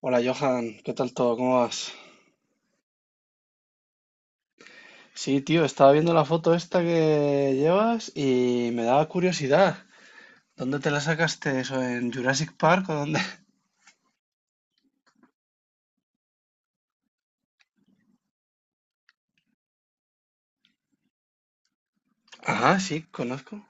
Hola Johan, ¿qué tal todo? ¿Cómo vas? Sí, tío, estaba viendo la foto esta que llevas y me daba curiosidad. ¿Dónde te la sacaste eso? ¿En Jurassic Park o dónde? Ah, sí, conozco.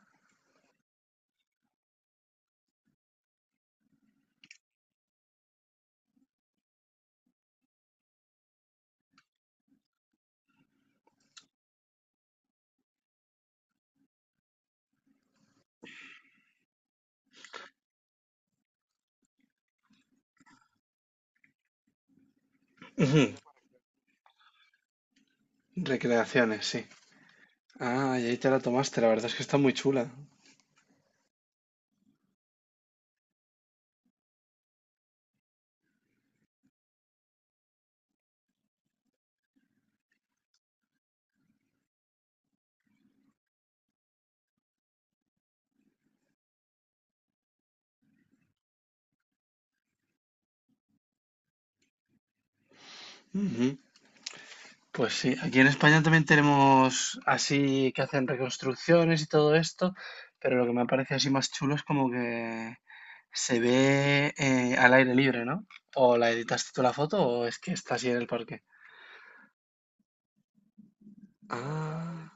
Ujú. Recreaciones, sí. Ah, y ahí te la tomaste, la verdad es que está muy chula. Ujú. Pues sí, aquí en España también tenemos así que hacen reconstrucciones y todo esto, pero lo que me parece así más chulo es como que se ve, al aire libre, ¿no? ¿O la editaste tú la foto o es que está así en el parque? Ah.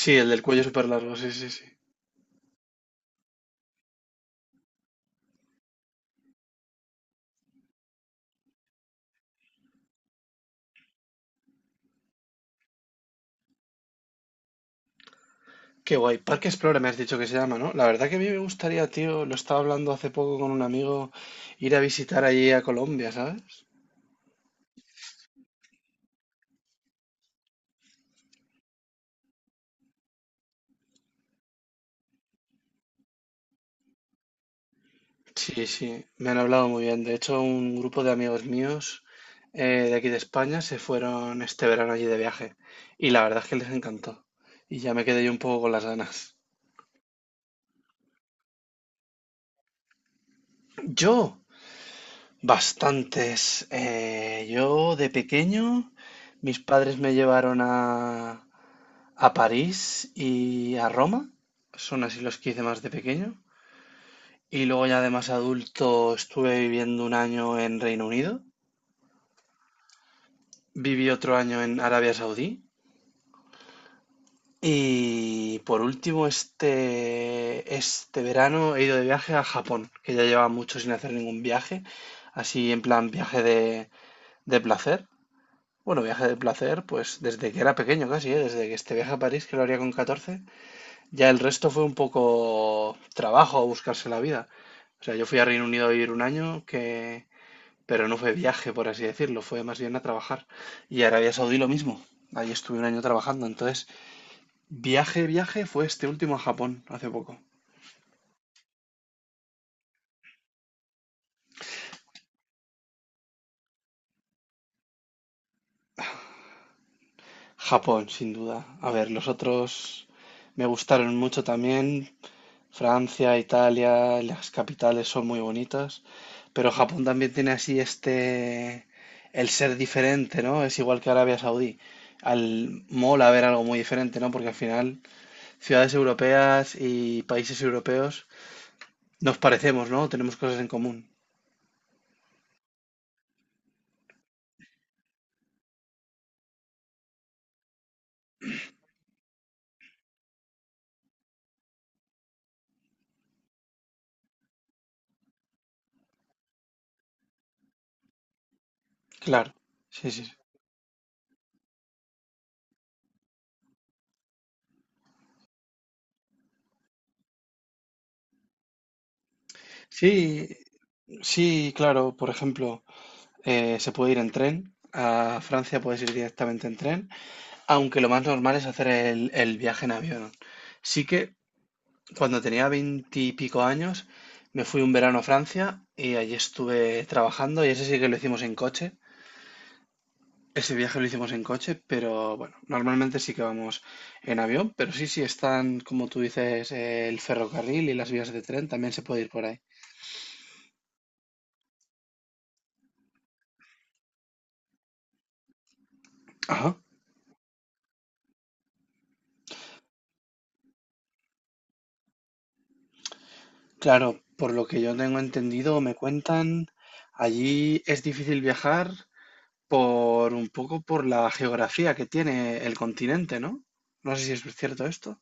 Sí, el del cuello súper largo, sí, sí, sí. Qué guay. Parque Explora me has dicho que se llama, ¿no? La verdad que a mí me gustaría, tío, lo estaba hablando hace poco con un amigo, ir a visitar allí a Colombia, ¿sabes? Sí, sí, me han hablado muy bien. De hecho, un grupo de amigos míos eh, de aquí de España se fueron este verano allí de viaje. Y la verdad es que les encantó. Y ya me quedé yo un poco con las ganas. ¡Yo! Bastantes. Yo de pequeño, mis padres me llevaron a París y a Roma. Son así los que hice más de pequeño. Y luego ya de más adulto estuve viviendo un año en Reino Unido. Viví otro año en Arabia Saudí. Y por último, este verano he ido de viaje a Japón, que ya llevaba mucho sin hacer ningún viaje, así en plan viaje de placer. Bueno, viaje de placer, pues desde que era pequeño casi, ¿eh? Desde que este viaje a París, que lo haría con 14, ya el resto fue un poco trabajo, a buscarse la vida. O sea, yo fui a Reino Unido a vivir un año, que... pero no fue viaje, por así decirlo, fue más bien a trabajar. Y Arabia Saudí lo mismo, ahí estuve un año trabajando. Entonces, viaje fue este último a Japón, hace poco. Japón, sin duda. A ver, los otros me gustaron mucho también, Francia, Italia, las capitales son muy bonitas, pero Japón también tiene así este, el ser diferente, ¿no? Es igual que Arabia Saudí. Al mola ver algo muy diferente, ¿no? Porque al final ciudades europeas y países europeos nos parecemos, ¿no? Tenemos cosas en común. Claro, sí, sí. Sí, sí, claro. Por ejemplo, se puede ir en tren. A Francia puedes ir directamente en tren, aunque lo más normal es hacer el viaje en avión. Sí que cuando tenía veintipico años, me fui un verano a Francia y allí estuve trabajando y ese sí que lo hicimos en coche. Ese viaje lo hicimos en coche, pero bueno, normalmente sí que vamos en avión, pero sí, sí están, como tú dices, el ferrocarril y las vías de tren, también se puede ir por ahí. Ajá. Claro, por lo que yo tengo entendido, me cuentan, allí es difícil viajar por un poco por la geografía que tiene el continente, ¿no? No sé si es cierto esto.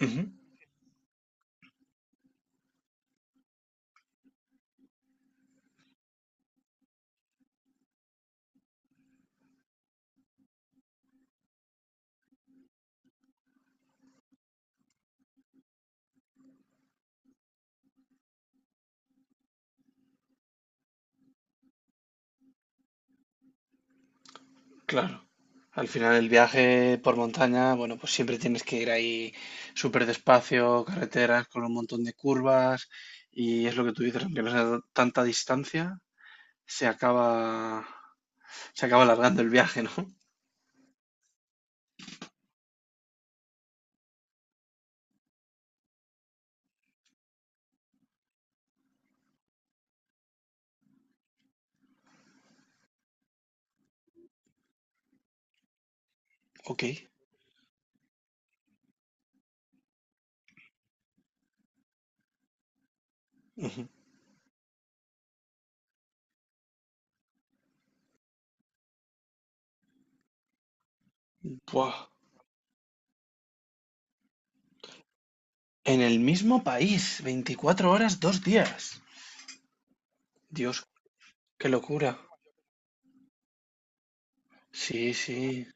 Ujú. Claro. Al final el viaje por montaña, bueno, pues siempre tienes que ir ahí súper despacio, carreteras con un montón de curvas y es lo que tú dices, aunque no sea tanta distancia, se acaba, se acaba alargando el viaje, ¿no? Ok. Ujú. Buah. En el mismo país, 24 horas, 2 días. Dios, qué locura. Sí, sí.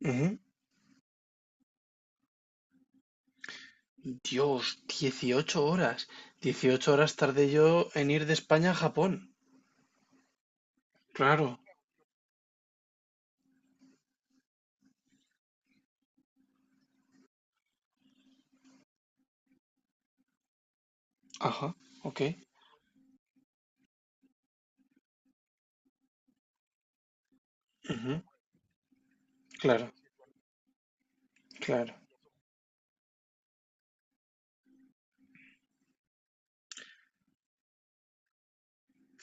Ujú. Dios, 18 horas. 18 horas tardé yo en ir de España a Japón. Claro. Ajá, ok. Ujú. Claro, claro.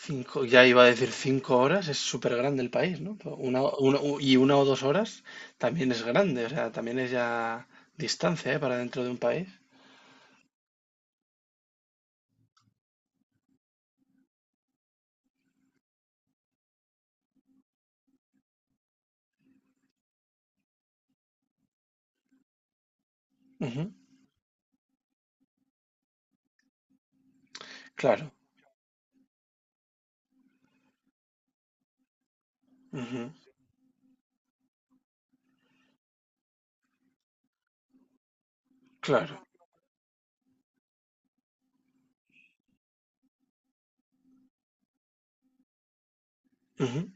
Cinco, ya iba a decir 5 horas, es súper grande el país, ¿no? Pero y una o dos horas también es grande, o sea, también es ya distancia, ¿eh? Para dentro de un país. Ujú. Claro, ujú, claro. Ujú.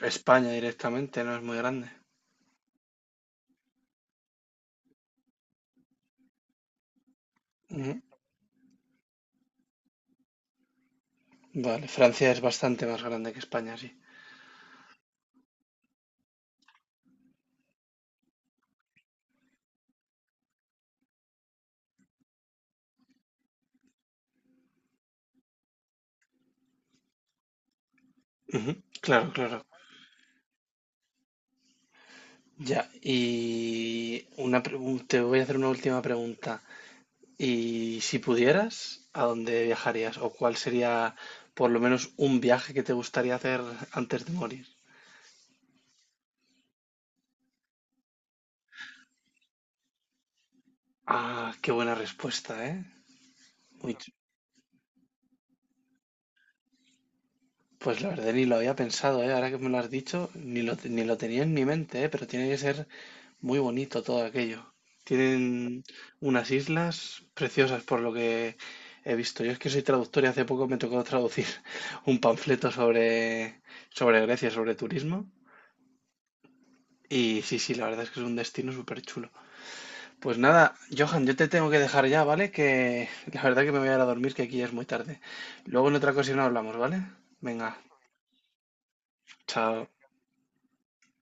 España directamente no es muy grande. Ujú. Vale, Francia es bastante más grande que España, sí. Ujú. Claro, claro. Ya, te voy a hacer una última pregunta. Y si pudieras, ¿a dónde viajarías? ¿O cuál sería por lo menos un viaje que te gustaría hacer antes de morir? Ah, qué buena respuesta, ¿eh? Muy ch- pues la verdad ni lo había pensado, ¿eh? Ahora que me lo has dicho, ni lo tenía en mi mente, ¿eh? Pero tiene que ser muy bonito todo aquello. Tienen unas islas preciosas por lo que he visto. Yo es que soy traductor y hace poco me tocó traducir un panfleto sobre Grecia, sobre turismo. Y sí, sí, la verdad es que es un destino súper chulo. Pues nada, Johan, yo te tengo que dejar ya, ¿vale? Que la verdad que me voy a ir a dormir, que aquí ya es muy tarde. Luego en otra ocasión hablamos, ¿vale? Venga, chao.